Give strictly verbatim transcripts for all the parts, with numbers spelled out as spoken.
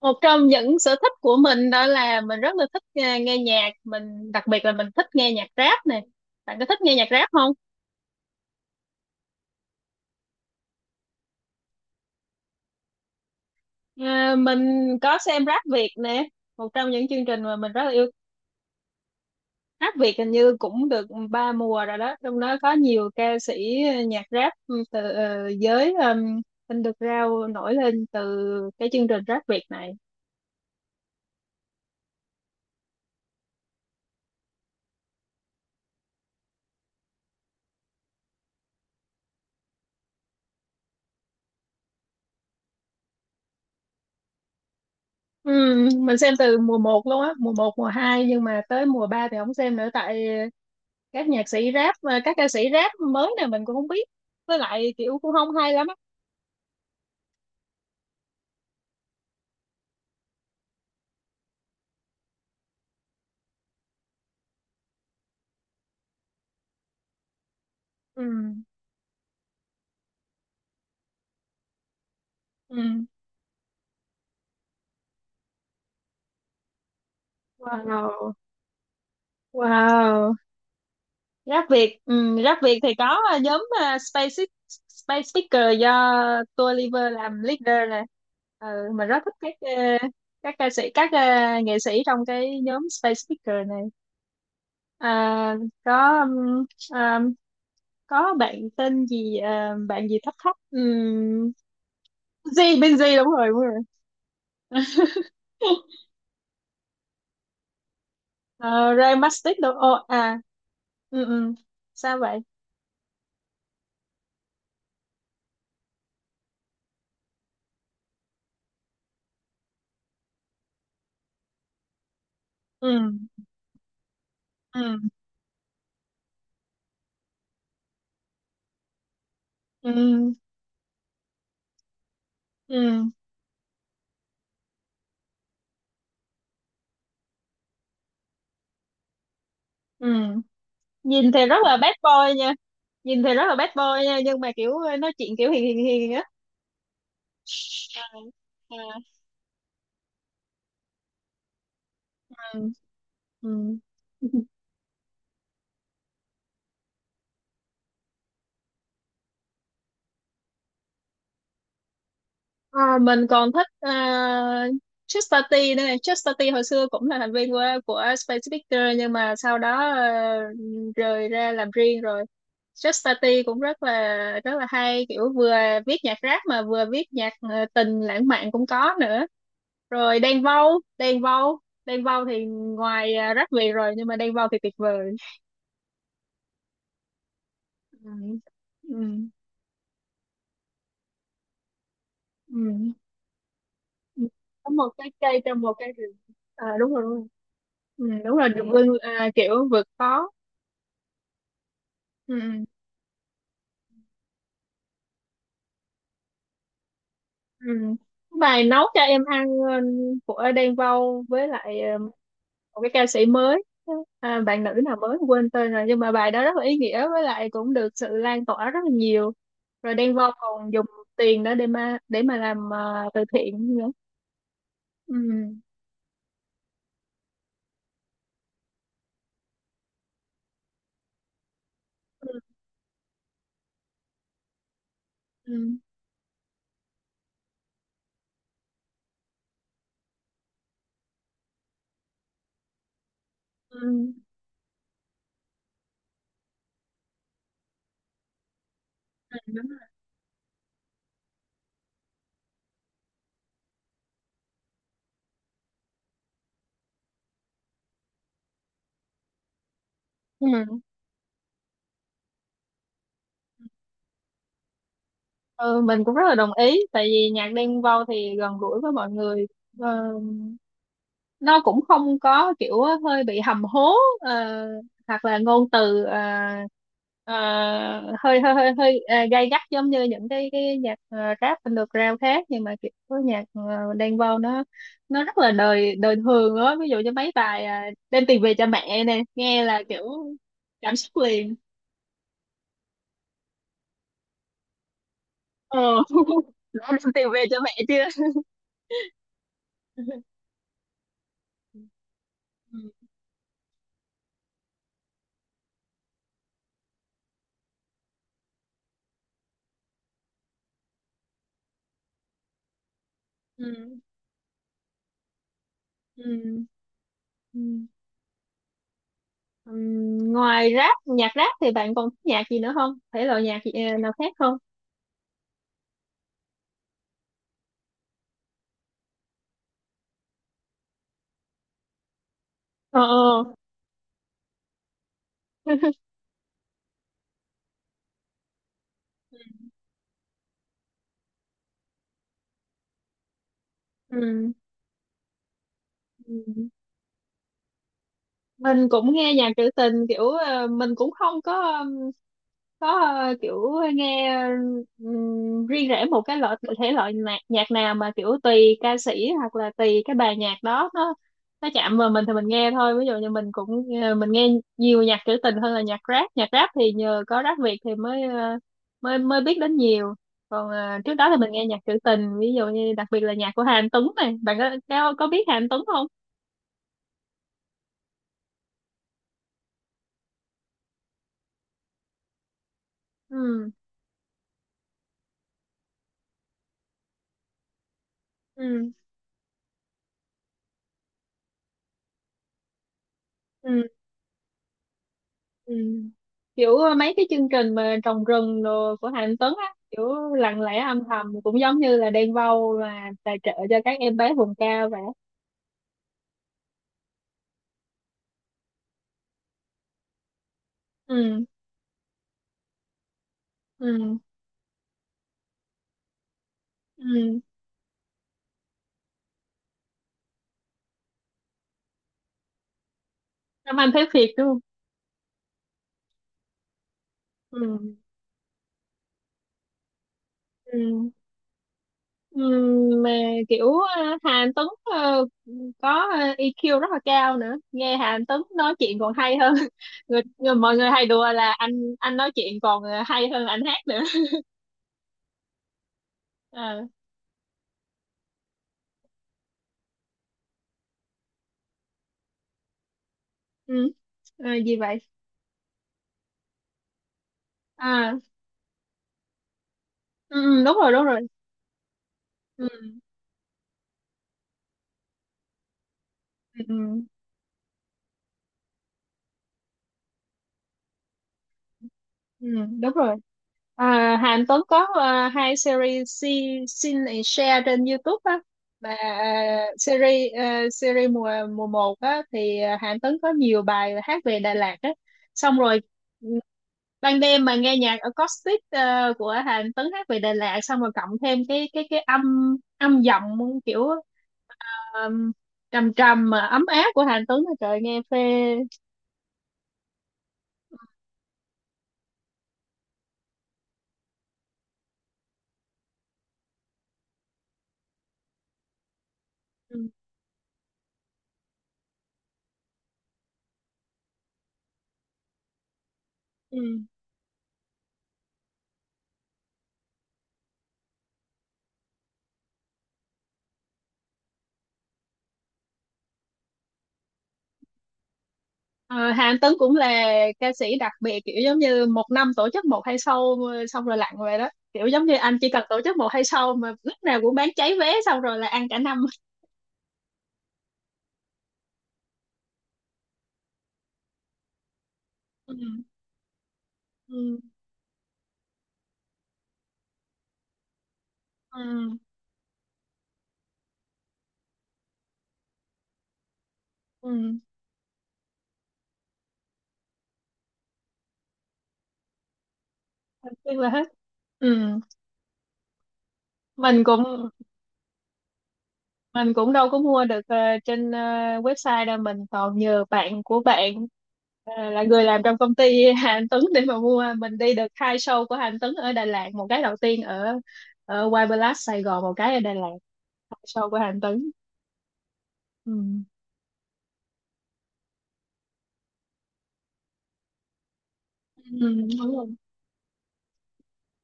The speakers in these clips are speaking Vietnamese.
Một trong những sở thích của mình đó là mình rất là thích nghe, nghe nhạc, mình đặc biệt là mình thích nghe nhạc rap nè. Bạn có thích nghe nhạc rap không? À, mình có xem Rap Việt nè, một trong những chương trình mà mình rất là yêu. Rap Việt hình như cũng được ba mùa rồi đó, trong đó có nhiều ca sĩ nhạc rap ừ, từ ờ, giới um, underground nổi lên từ cái chương trình Rap Việt này. Ừm, mình xem từ mùa một luôn á, mùa một, mùa hai nhưng mà tới mùa ba thì không xem nữa tại các nhạc sĩ rap và các ca sĩ rap mới này mình cũng không biết, với lại kiểu cũng không hay lắm á. Ừ, ừ. Wow, wow. Rap Việt. Ừ, rap Việt thì có, à, nhóm à, Space Space Speaker do Tua Liver làm leader nè. Ừ, mình rất thích các ờ, các ca sĩ, các ờ, nghệ sĩ trong cái nhóm Space Speaker này. à, có um, um, có bạn tên gì ờ, bạn gì thấp thấp. um, Benji. Benji đúng rồi, đúng rồi. Ờ, Ray Mastic đâu. Ồ, à, ừ, ừ. Sao vậy? Ừ, ừ, ừ, ừ, ừ. Nhìn thì rất là bad boy nha. Nhìn thì rất là bad boy nha nhưng mà kiểu ờ, Nói chuyện kiểu hiền hiền hiền á. Ờ, ờ, ừ, ừ. Ờ, mình còn thích uh, Chester T nữa này. Chester T hồi xưa cũng là thành viên của của Space Victor nhưng mà sau đó ờ, rời ra làm riêng rồi. Chester T cũng rất là rất là hay, kiểu vừa viết nhạc rap mà vừa viết nhạc ờ, tình lãng mạn cũng có nữa. Rồi Đen Vâu, Đen Vâu, Đen Vâu thì ngoài ờ, rap Việt rồi nhưng mà Đen Vâu thì tuyệt vời. Ừ. Ừ. Ừ. Có một cái cây trong một cái rừng. À, đúng rồi, đúng rồi. Ừ, đúng rồi được lưng à, kiểu vượt khó. Ừ, ừ. Bài nấu cho em ăn ừ, của Đen Vâu với lại ừ, một cái ca sĩ mới, à, bạn nữ nào mới quên tên rồi nhưng mà bài đó rất là ý nghĩa với lại cũng được sự lan tỏa rất là nhiều, rồi Đen Vâu còn dùng tiền đó để mà để mà làm ờ, từ thiện nữa. Ừ. Ừ. Ừ. Ừ. Đúng rồi. Ừ. Ừ, mình cũng rất là đồng ý tại vì nhạc Đen Vâu thì gần gũi với mọi người. Ờ, nó cũng không có kiểu hơi bị hầm hố ờ, hoặc là ngôn từ ờ, ờ, hơi hơi hơi hơi ờ, gay gắt giống như những cái cái nhạc ờ, rap underground khác nhưng mà kiểu nhạc uh, Đen Vâu nó nó rất là đời đời thường á, ví dụ như mấy bài ờ, đem tiền về cho mẹ nè, nghe là kiểu cảm xúc liền. Ờ. Đã đem tiền về cho mẹ chưa? Ừ, ừ, ừ, ừ. Ừm, ngoài rap, nhạc rap thì bạn còn thích nhạc gì nữa không, thể loại nhạc gì, ờ, nào khác không? Ờ, ờ. Ừm, ừm. Mình cũng nghe nhạc trữ tình kiểu ờ, mình cũng không có có ờ, kiểu nghe ừm, riêng rẽ một cái loại thể loại nhạc, nhạc nào, mà kiểu tùy ca sĩ hoặc là tùy cái bài nhạc đó, nó nó chạm vào mình thì mình nghe thôi. Ví dụ như mình cũng ờ, mình nghe nhiều nhạc trữ tình hơn là nhạc rap. Nhạc rap thì nhờ có rap Việt thì mới ờ, mới mới biết đến nhiều, còn ờ, trước đó thì mình nghe nhạc trữ tình, ví dụ như đặc biệt là nhạc của Hà Anh Tuấn này. Bạn có có, có biết Hà Anh Tuấn không? Ừ, ừ, ừ. Ừ. Kiểu ờ, mấy cái chương trình mà trồng rừng đồ của Hà Anh Tuấn á, kiểu lặng lẽ âm thầm, cũng giống như là Đen Vâu mà tài trợ cho các em bé vùng cao vậy. Ừ, ừ, ừ. Làm Anh thấy thiệt đúng không? Ừ, ừ, ừ. Mà kiểu ờ, Hà Anh Tuấn ờ, có ờ, i kiu rất là cao nữa, nghe Hà Anh Tuấn nói chuyện còn hay hơn. Người, người mọi người hay đùa là anh anh nói chuyện còn ờ, hay hơn anh hát nữa. Ờ, ừ. Ờ, gì vậy? Ờ. ừ, ừ, Đúng rồi, đúng rồi ừ, ừ, ừ, ừ, đúng rồi. À, Hàn Tuấn có à, hai series Si- Sin and Share trên YouTube á, mà à, series à, series mùa mùa một á thì à, Hàn Tuấn có nhiều bài hát về Đà Lạt á. Xong rồi ừ, ban đêm mà nghe nhạc acoustic à, của Hàn Tuấn hát về Đà Lạt, xong rồi cộng thêm cái cái cái âm âm giọng kiểu um, trầm trầm mà ấm áp của Hàn Tuấn, trời nghe phê. Ừ. Ừ. Ờ, Hà Anh Tuấn cũng là ca sĩ đặc biệt, kiểu giống như một năm tổ chức một hai show ờ, xong rồi lặn về đó, kiểu giống như anh chỉ cần tổ chức một hai show mà lúc nào cũng bán cháy vé, xong rồi là ăn cả năm. Ừ, ừ, ừ, ừ. Anh biết là hết. Ừ, mình cũng mình cũng đâu có mua được ờ, trên ờ, website đâu, mình còn nhờ bạn của bạn ờ, là người làm trong công ty Hà Anh Tuấn để mà mua. Mình đi được hai show của Hà Anh Tuấn ở Đà Lạt, một cái đầu tiên ở ở White Palace Sài Gòn, một cái ở Đà Lạt, hai show của Hà Anh Tuấn. Ừ. Ừ, đúng rồi.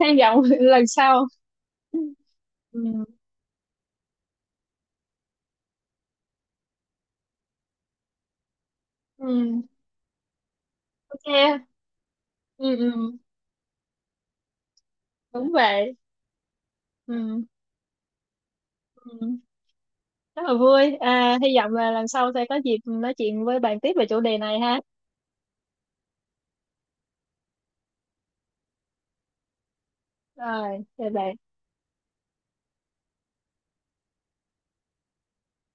Hy vọng lần sau. Ừ. Ừ. Ok. Ừ, ừ. Đúng vậy. Ừ. Ừ. Rất là vui, à, hy vọng là lần sau sẽ có dịp nói chuyện với bạn tiếp về chủ đề này ha. Rồi chào bạn.